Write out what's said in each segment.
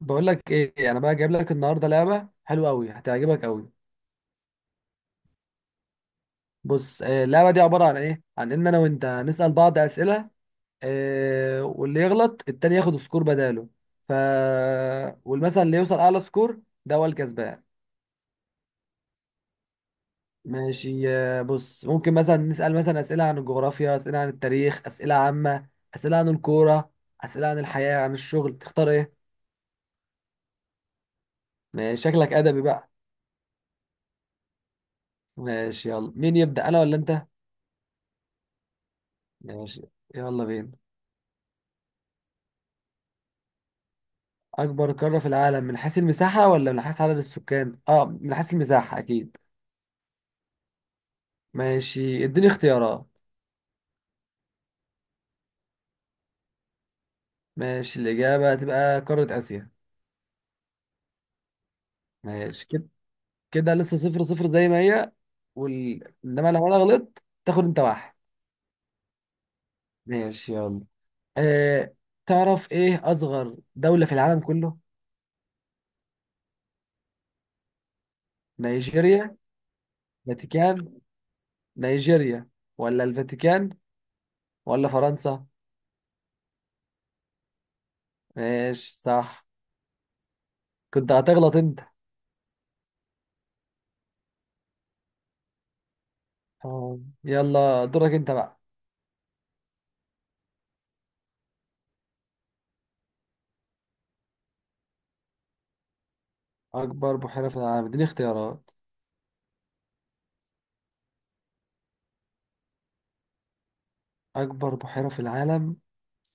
بقول لك ايه، انا بقى جايب لك النهارده لعبه حلوه قوي هتعجبك قوي. بص اللعبه دي عباره عن ايه؟ عن ان انا وانت هنسال بعض اسئله. واللي يغلط التاني ياخد سكور بداله. ف والمثلا اللي يوصل اعلى سكور ده هو الكسبان. ماشي. بص، ممكن مثلا نسال مثلا اسئله عن الجغرافيا، اسئله عن التاريخ، اسئله عامه، اسئله عن الكوره، اسئله عن الحياه، عن الشغل، تختار ايه؟ ماشي، شكلك ادبي بقى. ماشي، يلا مين يبدا انا ولا انت؟ ماشي، يلا بينا. أكبر قارة في العالم من حيث المساحة ولا من حيث عدد السكان؟ أه، من حيث المساحة أكيد. ماشي، اديني اختيارات. ماشي، الإجابة هتبقى قارة آسيا. ماشي كده. كده لسه صفر صفر زي ما هي. إنما لو أنا غلطت تاخد أنت واحد. ماشي يلا. أه... تعرف إيه أصغر دولة في العالم كله؟ نيجيريا، فاتيكان، نيجيريا ولا الفاتيكان ولا فرنسا؟ ماشي صح، كنت هتغلط أنت. آه. يلا دورك أنت بقى. أكبر بحيرة في العالم، اديني اختيارات. أكبر بحيرة في العالم،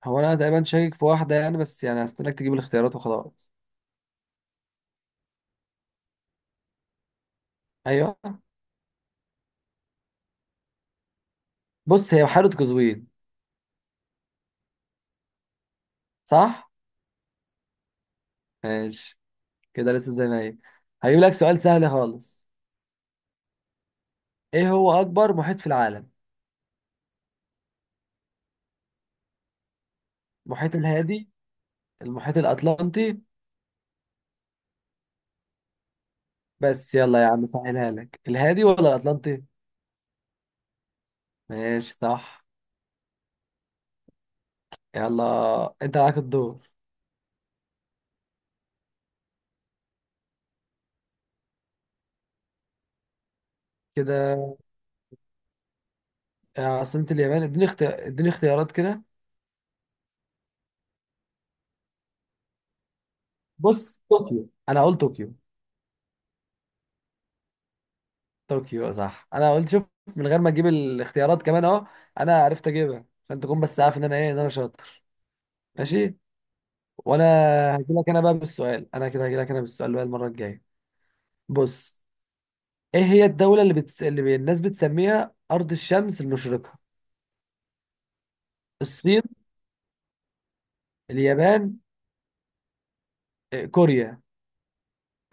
هو أنا تقريبا شاكك في واحدة يعني، بس يعني هستناك تجيب الاختيارات وخلاص. أيوه. بص، هي بحيرة قزوين. صح؟ ماشي، كده لسه زي ما هي. هجيب لك سؤال سهل خالص. إيه هو أكبر محيط في العالم؟ المحيط الهادي، المحيط الأطلنطي، بس يلا يا عم سهلها لك، الهادي ولا الأطلنطي؟ ماشي صح. يلا أنت عليك الدور. كده، عاصمة اليابان، اديني اختيارات كده. بص، طوكيو، أنا هقول طوكيو. طوكيو، صح، انا قلت شوف، من غير ما اجيب الاختيارات كمان اهو. انا عرفت اجيبها عشان تكون بس عارف ان انا ايه، ان انا شاطر. ماشي. وانا هجي لك انا بقى بالسؤال، انا كده هجي لك انا بالسؤال بقى المره الجايه. بص، ايه هي الدوله اللي الناس بتسميها ارض الشمس المشرقه؟ الصين، اليابان، كوريا،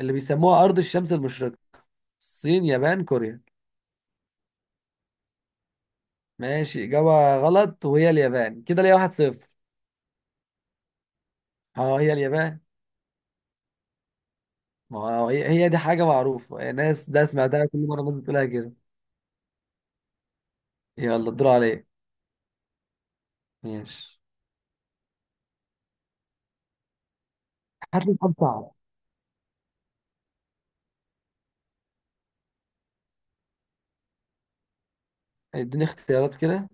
اللي بيسموها ارض الشمس المشرقه؟ الصين، يابان، كوريا؟ ماشي، اجابه غلط، وهي اليابان، كده ليا واحد صفر. اه هي اليابان. ما هو هي دي حاجة معروفة، الناس ده سمعتها كل مرة الناس بتقولها كده. يلا الدور عليك. ماشي، هات لي سؤال صعب. اديني اختيارات كده.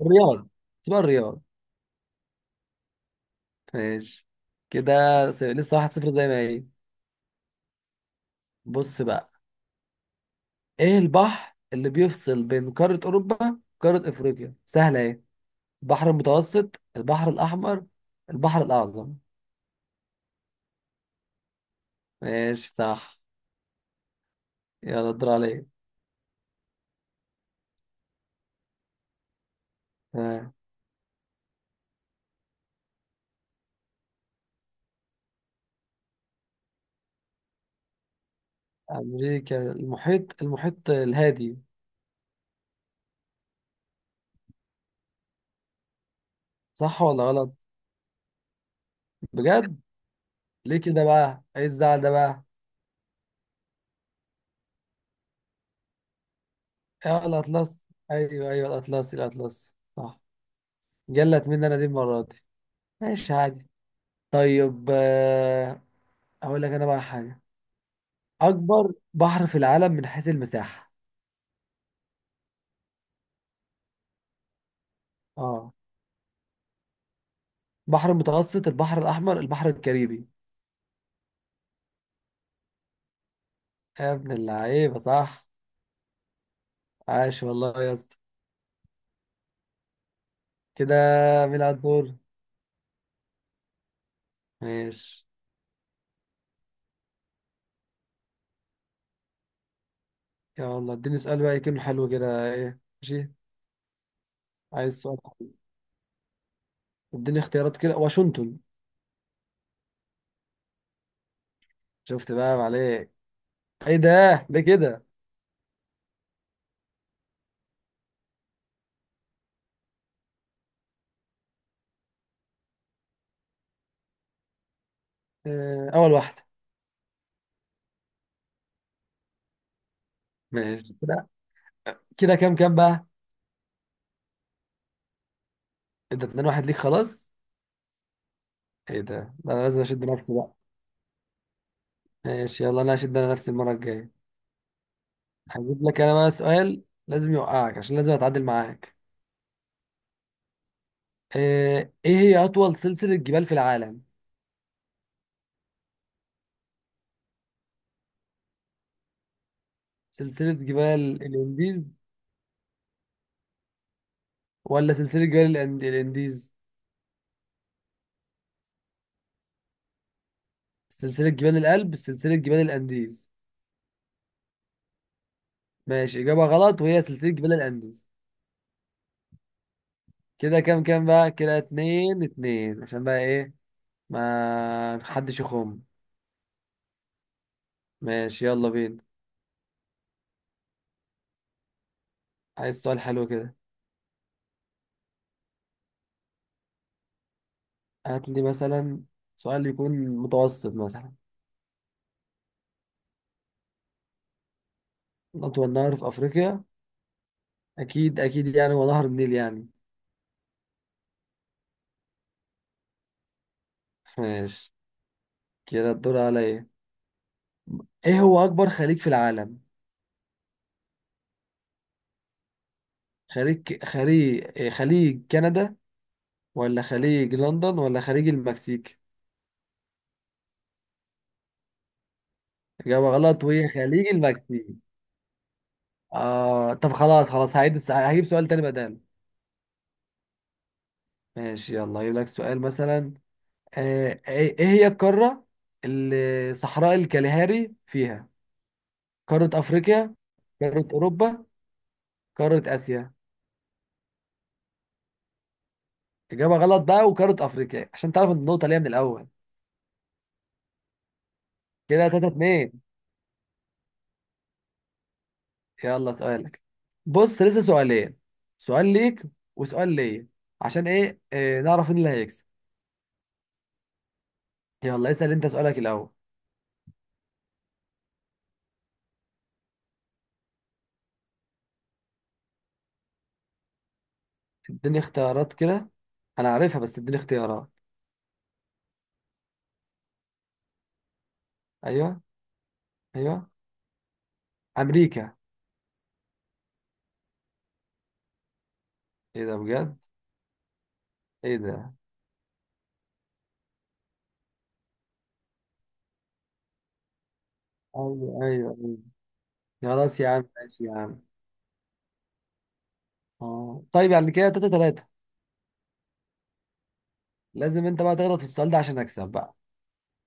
الرياض، سباق الرياض. ماشي كده. لسه واحد صفر زي ما هي. بص بقى، ايه البحر اللي بيفصل بين قارة اوروبا وقارة افريقيا؟ سهلة ايه، البحر المتوسط، البحر الاحمر، البحر الاعظم؟ ماشي صح. يلا الدور عليك. تمام. امريكا، المحيط الهادي. صح ولا غلط؟ بجد؟ ليه كده بقى؟ ايه الزعل ده بقى. اه الاطلس. ايوه ايوه، الاطلس صح. جلت مني انا دي المره دي. ماشي عادي. طيب اقول لك انا بقى حاجه. اكبر بحر في العالم من حيث المساحه. اه، بحر المتوسط، البحر الاحمر، البحر الكاريبي. يا ابن اللعيبه صح. عاش والله يا اسطى. كده، مين على الدور؟ ماشي، يلا اديني سؤال بقى يكون حلو كده، ايه، ماشي. عايز سؤال حلو. اديني اختيارات كده. واشنطن. شفت بقى عليك. ايه ده، ليه كده؟ اول واحده. ماشي كده. كده كام كام بقى؟ ايه ده اتنين واحد ليك؟ خلاص، ايه ده، ده انا لازم اشد نفسي بقى. ماشي يلا، انا هشد انا نفسي المره الجايه. هجيب لك انا بقى سؤال لازم يوقعك عشان لازم اتعادل معاك. ايه هي اطول سلسله جبال في العالم؟ سلسله جبال الانديز ولا سلسله الانديز؟ سلسله جبال الألب، سلسله جبال الانديز. ماشي، اجابه غلط، وهي سلسله جبال الانديز. كده كام كام بقى؟ كده اتنين اتنين، عشان بقى ايه، ما حدش يخم. ماشي يلا بينا. عايز سؤال حلو كده، هات لي مثلا سؤال يكون متوسط مثلا. أطول نهر في أفريقيا. أكيد يعني هو نهر النيل يعني. ماشي. كده الدور عليا. إيه هو أكبر خليج في العالم؟ خليج إيه، خليج كندا ولا خليج لندن ولا خليج المكسيك؟ إجابة غلط، وهي خليج المكسيك. آه، طب خلاص خلاص، هجيب سؤال تاني بداله. ماشي يلا، هجيب لك سؤال مثلا. آه، ايه إيه هي القارة اللي صحراء الكالهاري فيها؟ قارة افريقيا، قارة اوروبا، قارة اسيا؟ اجابة غلط بقى، وقارة افريقيا، عشان تعرف النقطة ليها من الاول. كده 3 2. يلا سؤالك. بص لسه سؤالين، سؤال ليك وسؤال ليا، عشان ايه نعرف مين اللي هيكسب. يلا اسأل انت سؤالك الاول. اديني اختيارات كده، انا عارفها بس اديني اختيارات. ايوه. ايوه، امريكا. ايه ده بجد؟ ايه ده؟ ايوه ايوه أيوه. خلاص يا عم، ماشي يا عم. اه طيب، يعني كده تلاتة تلاتة. لازم انت بقى تغلط في السؤال ده عشان اكسب بقى.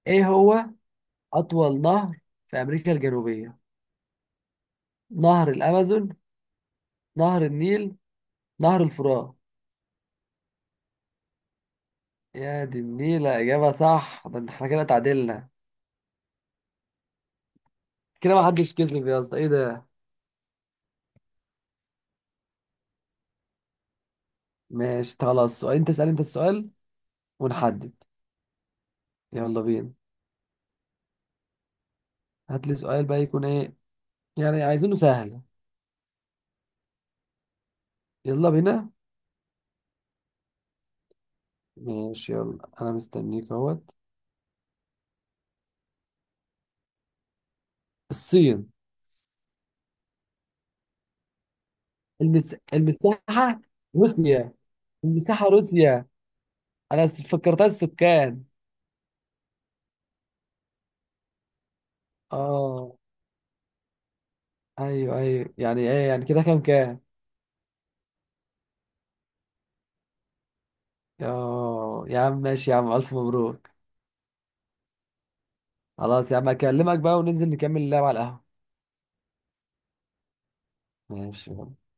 ايه هو اطول نهر في امريكا الجنوبية؟ نهر الامازون، نهر النيل، نهر الفرات. يا دي النيل، اجابة صح، ده احنا كده تعادلنا. كده ما حدش كسب يا اسطى، ايه ده. ماشي خلاص، سؤال، انت اسأل انت السؤال ونحدد. يلا بينا. هات لي سؤال بقى يكون ايه، يعني عايزينه سهل. يلا بينا. ماشي يلا، انا مستنيك اهوت. الصين. المساحة؟ روسيا. المساحة روسيا. أنا فكرتها السكان. آه. أيوه أيوه، يعني إيه، يعني كده كام كام؟ آه يا عم ماشي يا عم، ألف مبروك. خلاص يا عم، أكلمك بقى وننزل نكمل اللعب على القهوة. ماشي.